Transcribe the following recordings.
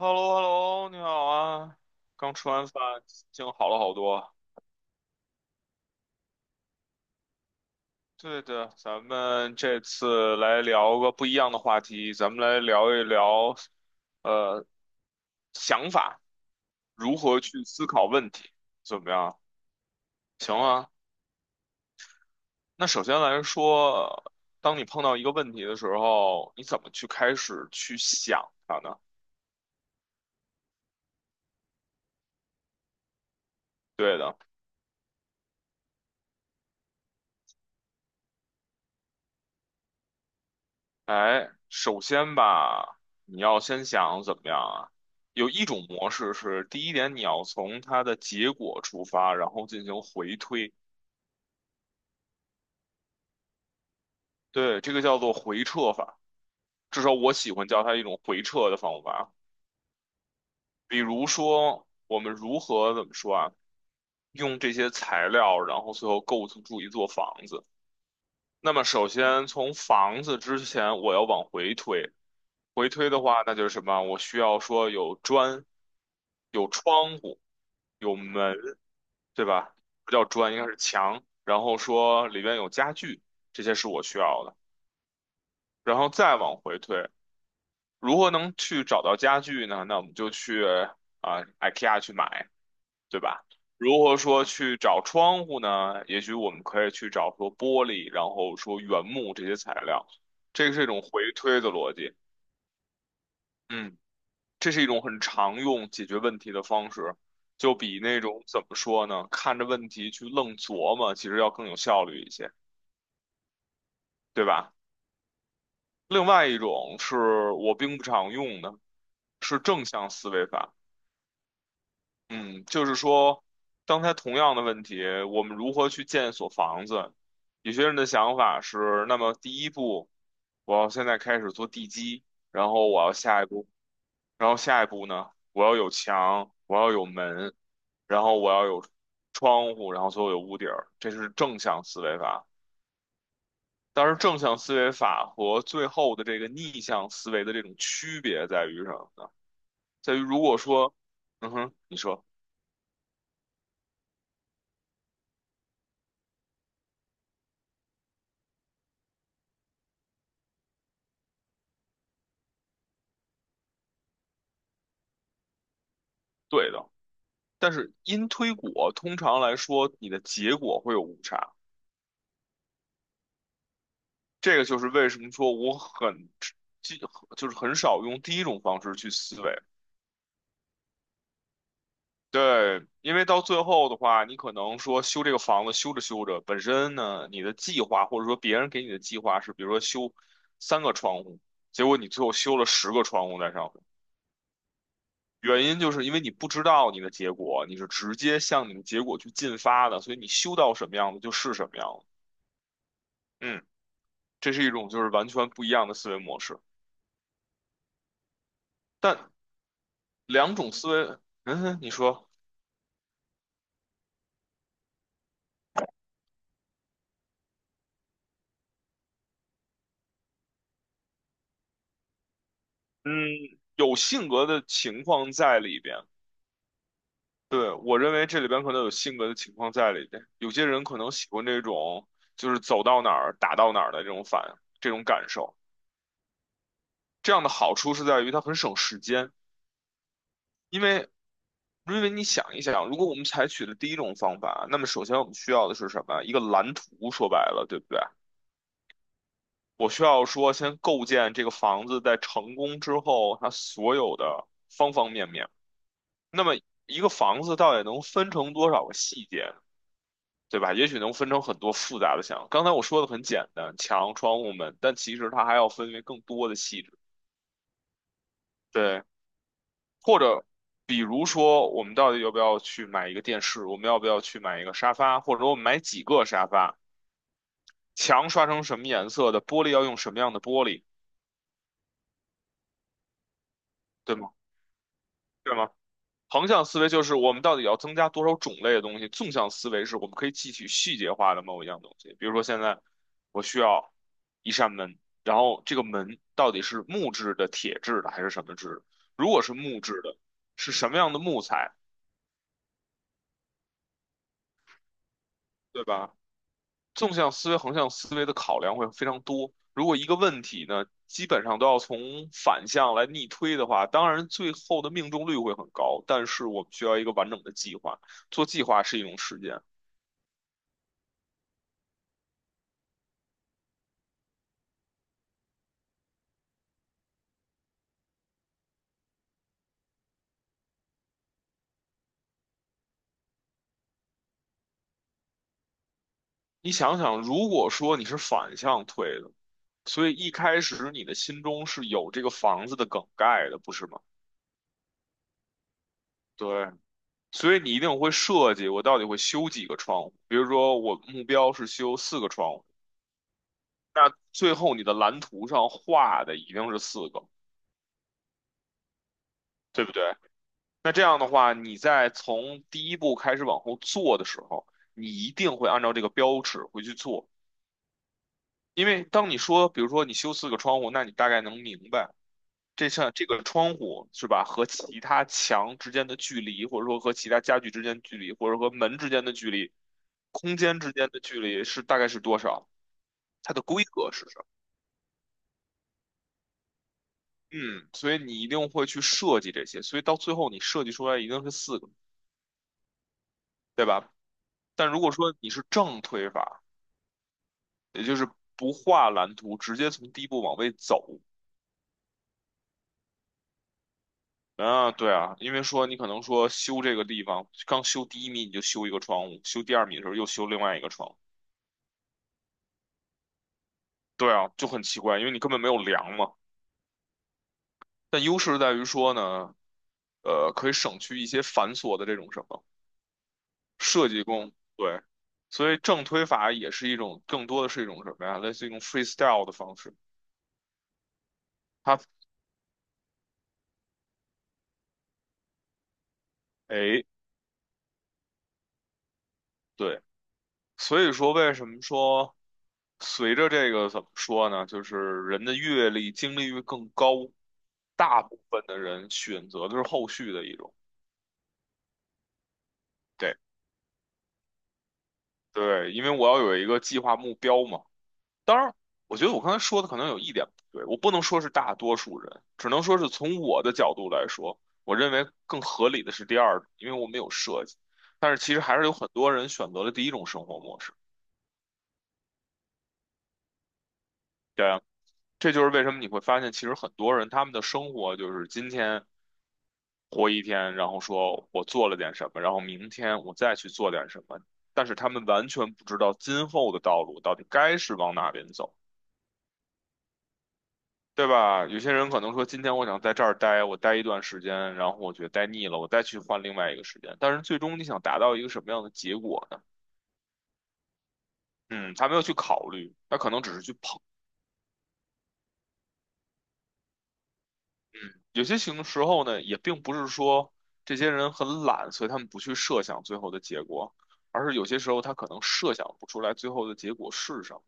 h e l l o Hello 你好啊，刚吃完饭，心情好了好多。对的，咱们这次来聊个不一样的话题，咱们来聊一聊，呃，想法，如何去思考问题，怎么样？行啊。那首先来说，当你碰到一个问题的时候，你怎么去开始去想它呢？对的。哎，首先吧，你要先想怎么样啊？有一种模式是，第一点你要从它的结果出发，然后进行回推，对，这个叫做回撤法，至少我喜欢叫它一种回撤的方法。比如说，我们如何怎么说啊？用这些材料，然后最后构筑住一座房子。那么，首先从房子之前，我要往回推，回推的话，那就是什么？我需要说有砖、有窗户、有门，对吧？不叫砖，应该是墙。然后说里边有家具，这些是我需要的。然后再往回推，如何能去找到家具呢？那我们就去啊、IKEA 去买，对吧？如何说去找窗户呢？也许我们可以去找说玻璃，然后说原木这些材料，这个是一种回推的逻辑。嗯。这是一种很常用解决问题的方式，就比那种怎么说呢，看着问题去愣琢磨，其实要更有效率一些，对吧？另外一种是我并不常用的，是正向思维法。嗯，就是说，刚才同样的问题，我们如何去建一所房子？有些人的想法是，那么第一步，我要现在开始做地基，然后我要下一步然后下一步呢，我要有墙，我要有门，然后我要有窗户，然后最后有屋顶儿，这是正向思维法。但是正向思维法和最后的这个逆向思维的这种区别在于什么呢？在于如果说，嗯哼，你说对的，但是因推果通常来说，你的结果会有误差。这个就是为什么说我很，就就是很少用第一种方式去思维。对，因为到最后的话，你可能说修这个房子，修着修着，本身呢，你的计划或者说别人给你的计划是，比如说修三个窗户，结果你最后修了十个窗户在上面，原因就是因为你不知道你的结果，你是直接向你的结果去进发的，所以你修到什么样子就是什么样子。嗯，这是一种就是完全不一样的思维模式，但两种思维，嗯，你说，嗯，有性格的情况在里边。对，我认为这里边可能有性格的情况在里边，有些人可能喜欢这种就是走到哪儿打到哪儿的这种反这种感受。这样的好处是在于它很省时间，因为你想一想，如果我们采取的第一种方法，那么首先我们需要的是什么？一个蓝图，说白了，对不对？我需要说先构建这个房子，在成功之后，它所有的方方面面。那么一个房子到底能分成多少个细节？对吧？也许能分成很多复杂的墙。刚才我说的很简单，墙、窗户、门，但其实它还要分为更多的细致。对，或者比如说，我们到底要不要去买一个电视？我们要不要去买一个沙发？或者我们买几个沙发？墙刷成什么颜色的？玻璃要用什么样的玻璃？对吗？对吗？横向思维就是我们到底要增加多少种类的东西，纵向思维是我们可以汲取细节化的某一样东西。比如说现在我需要一扇门，然后这个门到底是木质的、铁质的还是什么质的？如果是木质的，是什么样的木材，对吧？纵向思维、横向思维的考量会非常多。如果一个问题呢，基本上都要从反向来逆推的话，当然最后的命中率会很高，但是我们需要一个完整的计划。做计划是一种实践。你想想，如果说你是反向推的，所以一开始你的心中是有这个房子的梗概的，不是吗？对，所以你一定会设计，我到底会修几个窗户？比如说，我目标是修四个窗户，最后你的蓝图上画的一定是四个，对不对？那这样的话，你在从第一步开始往后做的时候，你一定会按照这个标尺回去做，因为当你说，比如说你修四个窗户，那你大概能明白。这扇这个窗户是吧，和其他墙之间的距离，或者说和其他家具之间的距离，或者和门之间的距离，空间之间的距离是大概是多少？它的规格是什么？嗯，所以你一定会去设计这些，所以到最后你设计出来一定是四个，对吧？但如果说你是正推法，也就是不画蓝图，直接从第一步往位走，啊，对啊，因为说你可能说修这个地方，刚修第一米你就修一个窗户，修第二米的时候又修另外一个窗户。对啊，就很奇怪，因为你根本没有量嘛。但优势在于说呢，可以省去一些繁琐的这种什么设计工，对。所以正推法也是一种，更多的是一种什么呀？类似于一种 freestyle 的方式。它，哎，对。所以说，为什么说随着这个怎么说呢？就是人的阅历、经历越更高，大部分的人选择的是后续的一种。对对，因为我要有一个计划目标嘛。当然，我觉得我刚才说的可能有一点不对，我不能说是大多数人，只能说是从我的角度来说，我认为更合理的是第二种，因为我没有设计。但是其实还是有很多人选择了第一种生活模式。对啊，这就是为什么你会发现，其实很多人他们的生活就是今天活一天，然后说我做了点什么，然后明天我再去做点什么，但是他们完全不知道今后的道路到底该是往哪边走。对吧？有些人可能说，今天我想在这儿待，我待一段时间，然后我觉得待腻了，我再去换另外一个时间。但是最终你想达到一个什么样的结果呢？嗯，他没有去考虑，他可能只是去碰。嗯，有些情时候呢，也并不是说这些人很懒，所以他们不去设想最后的结果，而是有些时候他可能设想不出来最后的结果是什么。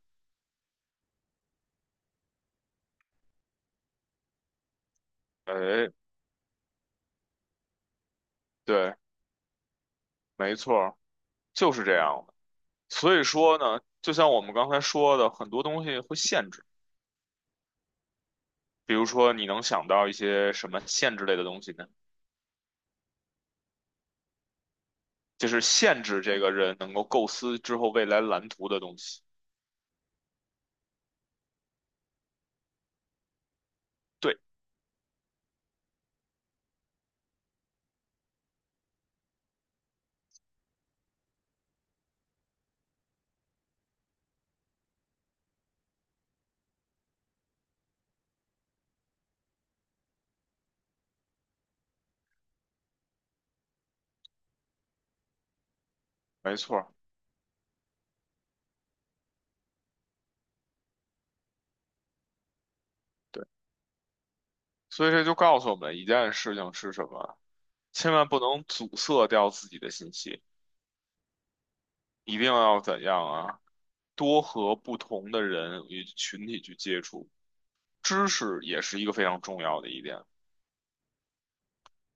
哎，对，没错儿，就是这样的。所以说呢，就像我们刚才说的，很多东西会限制。比如说，你能想到一些什么限制类的东西呢？就是限制这个人能够构思之后未来蓝图的东西。对，没错儿，对。所以这就告诉我们一件事情是什么：千万不能阻塞掉自己的信息，一定要怎样啊？多和不同的人与群体去接触，知识也是一个非常重要的一点。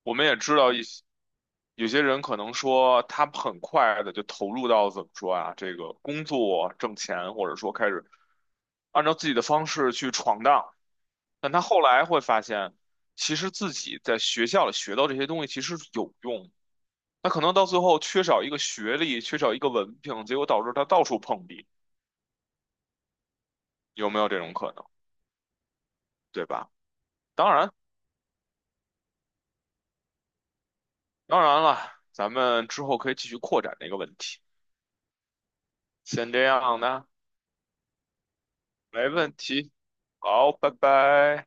我们也知道一些有些人可能说他很快的就投入到怎么说啊，这个工作挣钱，或者说开始按照自己的方式去闯荡，但他后来会发现，其实自己在学校里学到这些东西其实是有用的。他可能到最后缺少一个学历，缺少一个文凭，结果导致他到处碰壁，有没有这种可能？对吧？当然，当然了，咱们之后可以继续扩展这个问题。先这样呢，没问题。好，拜拜。